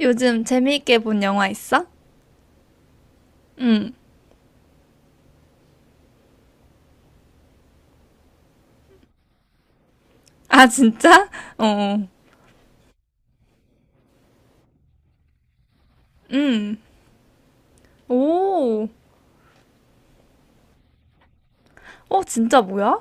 요즘 재미있게 본 영화 있어? 응. 아, 진짜? 어. 응. 오. 어, 진짜 뭐야?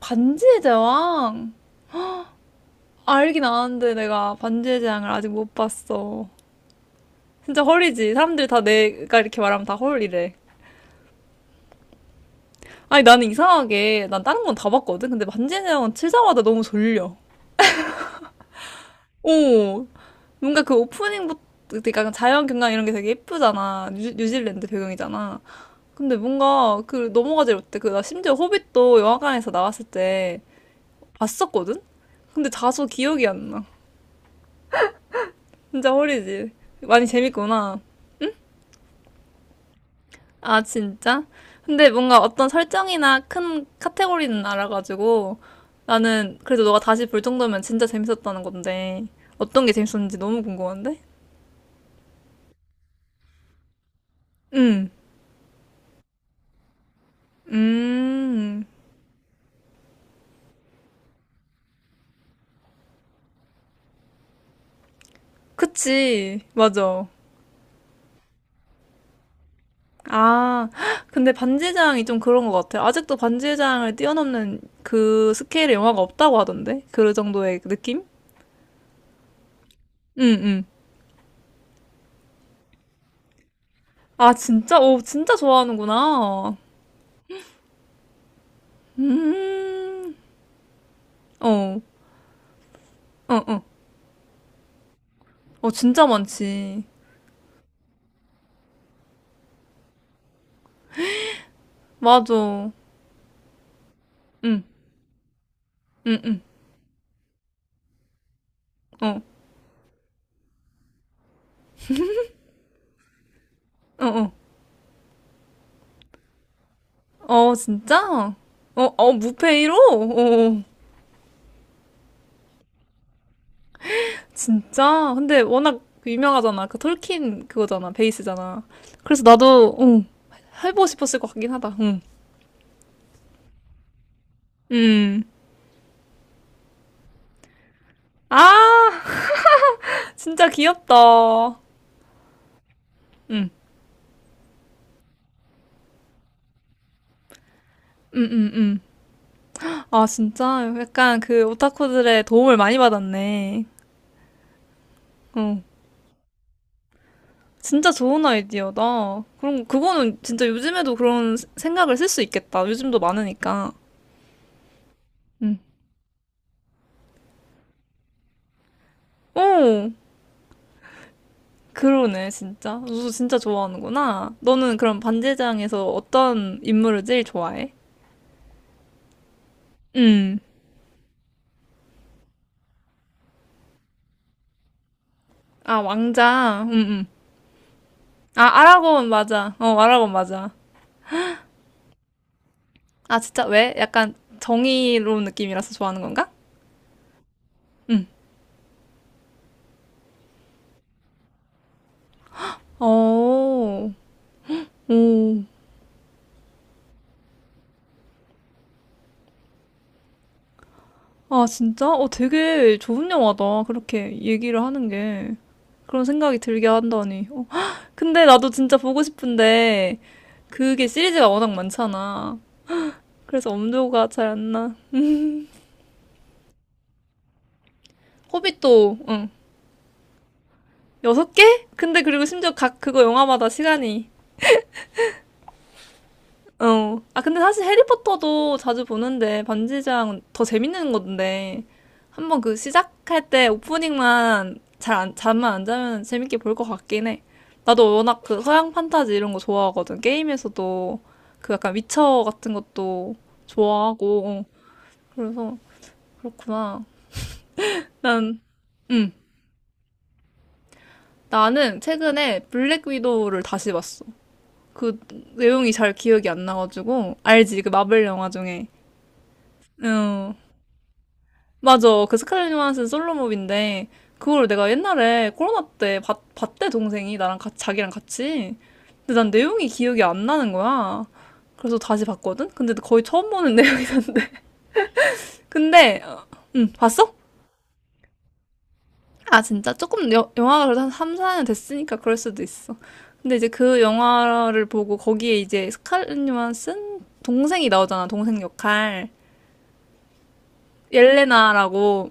반지의 제왕. 알긴 아는데 내가 반지의 제왕을 아직 못 봤어. 진짜 헐이지. 사람들이 다 내가 이렇게 말하면 다 헐이래. 아니, 나는 이상하게, 난 다른 건 다 봤거든? 근데 반지의 제왕은 치자마자 너무 졸려. 오, 뭔가 그 오프닝부터, 그러니까 자연 경관 이런 게 되게 예쁘잖아. 뉴질랜드 배경이잖아. 근데 뭔가 그 넘어가질 못해. 그 나 심지어 호빗도 영화관에서 나왔을 때 봤었거든? 근데 다소 기억이 안 나. 진짜 허리지. 많이 재밌구나. 아, 진짜? 근데 뭔가 어떤 설정이나 큰 카테고리는 알아가지고 나는 그래도 너가 다시 볼 정도면 진짜 재밌었다는 건데 어떤 게 재밌었는지 너무 궁금한데? 응. 음. 그치, 맞아. 아, 헉, 근데 반지의 제왕이 좀 그런 것 같아요. 아직도 반지의 제왕을 뛰어넘는 그 스케일의 영화가 없다고 하던데? 그 정도의 느낌? 응, 응. 아, 진짜? 오, 진짜 좋아하는구나. 음, 어, 어, 어. 어, 진짜 많지. 맞아. 응, 응, 응. 어, 어, 어. 어, 진짜? 어, 어, 무페이로? 어. 어. 진짜? 근데 워낙 유명하잖아. 그 톨킨 그거잖아. 베이스잖아. 그래서 나도, 응, 해보고 싶었을 것 같긴 하다. 응. 음. 아, 진짜 귀엽다. 응. 음, 음, 음. 아, 진짜? 약간 그 오타쿠들의 도움을 많이 받았네. 어. 진짜 좋은 아이디어다. 그럼 그거는 진짜 요즘에도 그런 생각을 쓸 수 있겠다. 요즘도 많으니까. 응. 어, 그러네, 진짜. 우수 진짜 좋아하는구나. 너는 그럼 반지장에서 어떤 인물을 제일 좋아해? 음. 아, 왕자. 아, 아라곤 맞아. 어, 아라곤 맞아. 아, 진짜 왜? 약간 정의로운 느낌이라서 좋아하는 건가? 음. 어. 오. 아, 진짜? 어, 되게 좋은 영화다. 그렇게 얘기를 하는 게. 그런 생각이 들게 한다니. 어, 근데 나도 진짜 보고 싶은데, 그게 시리즈가 워낙 많잖아. 그래서 엄두가 잘 안 나. 호빗도 응 여섯 개? 근데 그리고 심지어 각 그거 영화마다 시간이 어. 아 근데 사실 해리포터도 자주 보는데 반지장은 더 재밌는 건데 한번 그 시작할 때 오프닝만 잘 안, 잠만 안 자면 재밌게 볼 것 같긴 해. 나도 워낙 그 서양 판타지 이런 거 좋아하거든. 게임에서도 그 약간 위쳐 같은 것도 좋아하고 어. 그래서 그렇구나. 난 응. 나는 최근에 블랙 위도우를 다시 봤어. 그 내용이 잘 기억이 안 나가지고 알지? 그 마블 영화 중에. 응. 맞아. 그 스칼렛 요한슨 솔로몹인데 그걸 내가 옛날에 코로나 때 봤대 동생이 나랑 같이 자기랑 같이. 근데 난 내용이 기억이 안 나는 거야. 그래서 다시 봤거든? 근데 거의 처음 보는 내용이던데. 근데 어, 응, 봤어? 아, 진짜? 조금 영화가 그래도 한 3, 4년 됐으니까 그럴 수도 있어. 근데 이제 그 영화를 보고 거기에 이제 스칼렛 요한슨 동생이 나오잖아, 동생 역할. 옐레나라고.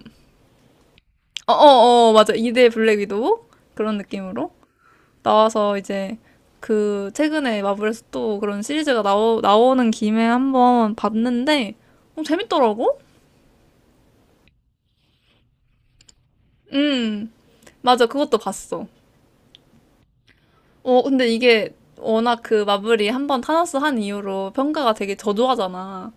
어, 어, 어, 맞아. 2대 블랙 위도우? 그런 느낌으로 나와서 이제 그 최근에 마블에서 또 그런 시리즈가 나오는 김에 한번 봤는데 어, 재밌더라고? 음, 맞아. 그것도 봤어. 어, 근데 이게 워낙 그 마블이 한번 타노스 한 이후로 평가가 되게 저조하잖아.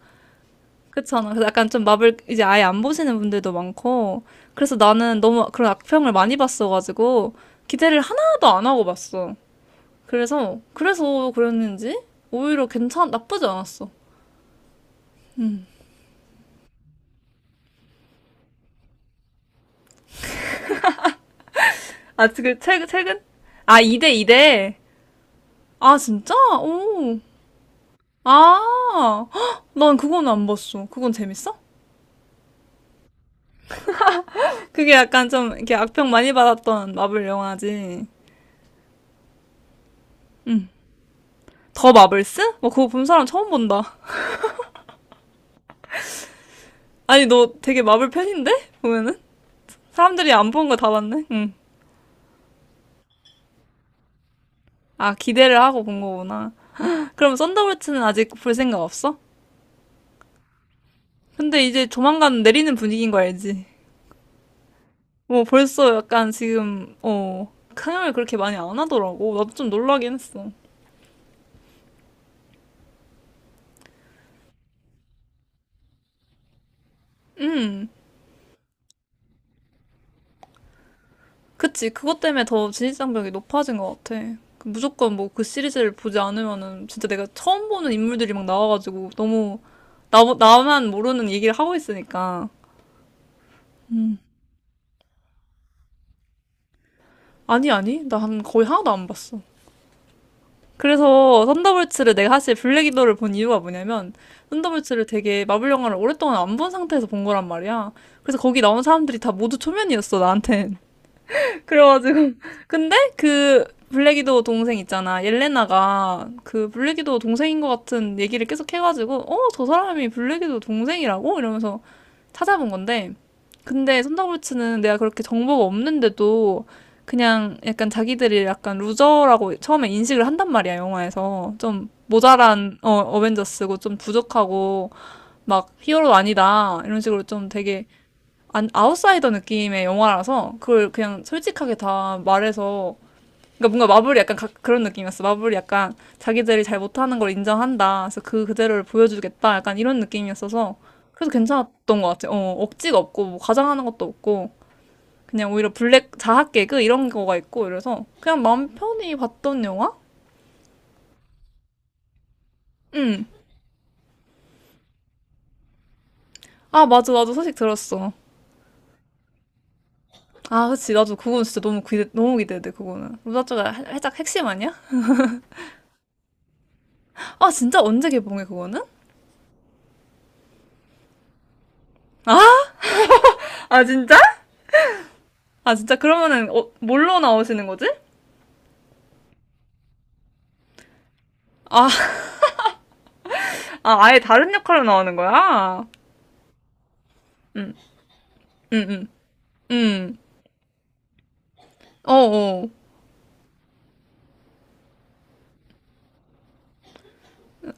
그렇잖아. 그래서 약간 좀 마블 이제 아예 안 보시는 분들도 많고. 그래서 나는 너무 그런 악평을 많이 봤어가지고 기대를 하나도 안 하고 봤어. 그래서, 그래서 그랬는지 오히려 나쁘지 않았어. 아, 지금 최근, 최근? 아, 2대 2대? 아, 진짜? 오. 아, 헉, 난 그건 안 봤어. 그건 재밌어? 그게 약간 좀 이렇게 악평 많이 받았던 마블 영화지. 더 마블스? 뭐 그거 본 사람 처음 본다. 아니 너 되게 마블 팬인데? 보면은 사람들이 안 본 거 다 봤네. 응. 아 기대를 하고 본 거구나. 그럼 썬더볼츠는 아직 볼 생각 없어? 근데 이제 조만간 내리는 분위기인 거 알지? 뭐 벌써 약간 지금 어 상영을 그렇게 많이 안 하더라고. 나도 좀 놀라긴 했어. 음. 그치, 그것 때문에 더 진입장벽이 높아진 것 같아. 그 무조건 뭐 그 시리즈를 보지 않으면은 진짜 내가 처음 보는 인물들이 막 나와가지고 너무 나만 모르는 얘기를 하고 있으니까. 아니, 아니. 나 한 거의 하나도 안 봤어. 그래서 썬더볼츠를 내가 사실 블랙 위도를 본 이유가 뭐냐면 썬더볼츠를 되게 마블 영화를 오랫동안 안 본 상태에서 본 거란 말이야. 그래서 거기 나온 사람들이 다 모두 초면이었어, 나한텐. 그래가지고 근데 그 블랙이도 동생 있잖아 옐레나가 그 블랙이도 동생인 것 같은 얘기를 계속 해가지고 어 저 사람이 블랙이도 동생이라고 이러면서 찾아본 건데 근데 손더볼츠는 내가 그렇게 정보가 없는데도 그냥 약간 자기들이 약간 루저라고 처음에 인식을 한단 말이야 영화에서 좀 모자란 어, 어벤져스고 좀 부족하고 막 히어로 아니다 이런 식으로 좀 되게 안, 아웃사이더 느낌의 영화라서 그걸 그냥 솔직하게 다 말해서 그러니까 뭔가 마블이 약간 그런 느낌이었어. 마블이 약간 자기들이 잘 못하는 걸 인정한다. 그래서 그 그대로를 보여주겠다. 약간 이런 느낌이었어서 그래서 괜찮았던 것 같아. 어, 억지가 없고 뭐 과장하는 것도 없고 그냥 오히려 블랙 자학 개그 이런 거가 있고 이래서 그냥 마음 편히 봤던 영화? 응. 아 맞아 나도 소식 들었어. 아 그치 나도 그건 진짜 너무 기대 너무 기대돼 그거는. 로다조가 살짝 핵심 아니야? 아 진짜 언제 개봉해 그거는? 아, 진짜? 아, 진짜 그러면은, 어, 뭘로 나오시는 거지? 아, 아, 아예 다른 역할로 나오는 거야? 응 응 응 응 어, 어.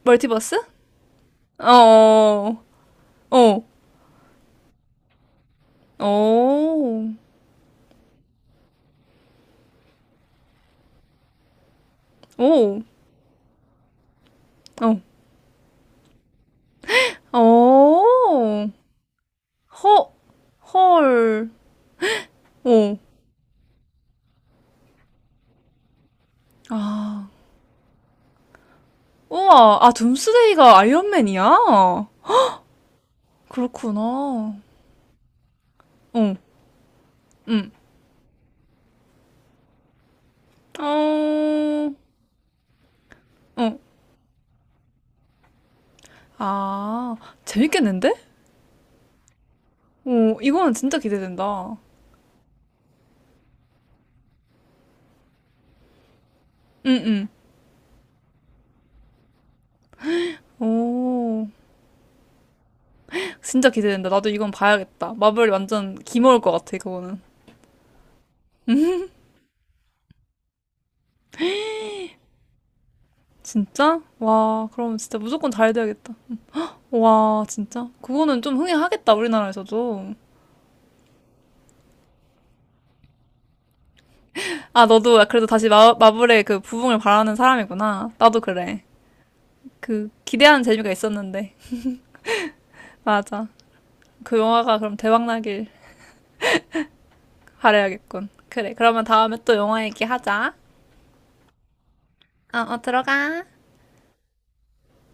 멀티버스? 어, 어, 어, 어, 어, 어, 어, 허, 헐, 어. 아, 우와, 아, 둠스데이가 아이언맨이야? 그렇구나. 어, 응 어, 어. 아, 재밌겠는데? 오, 이거는 진짜 기대된다. 응응. 오, 진짜 기대된다. 나도 이건 봐야겠다. 마블이 완전 기모일 것 같아, 그거는. 진짜? 와, 그럼 진짜 무조건 잘 돼야겠다. 와, 진짜? 그거는 좀 흥행하겠다, 우리나라에서도. 아, 너도 그래도 다시 마블의 그 부흥을 바라는 사람이구나. 나도 그래. 그, 기대하는 재미가 있었는데. 맞아. 그 영화가 그럼 대박 나길 바라야겠군. 그래, 그러면 다음에 또 영화 얘기하자. 어, 어, 들어가.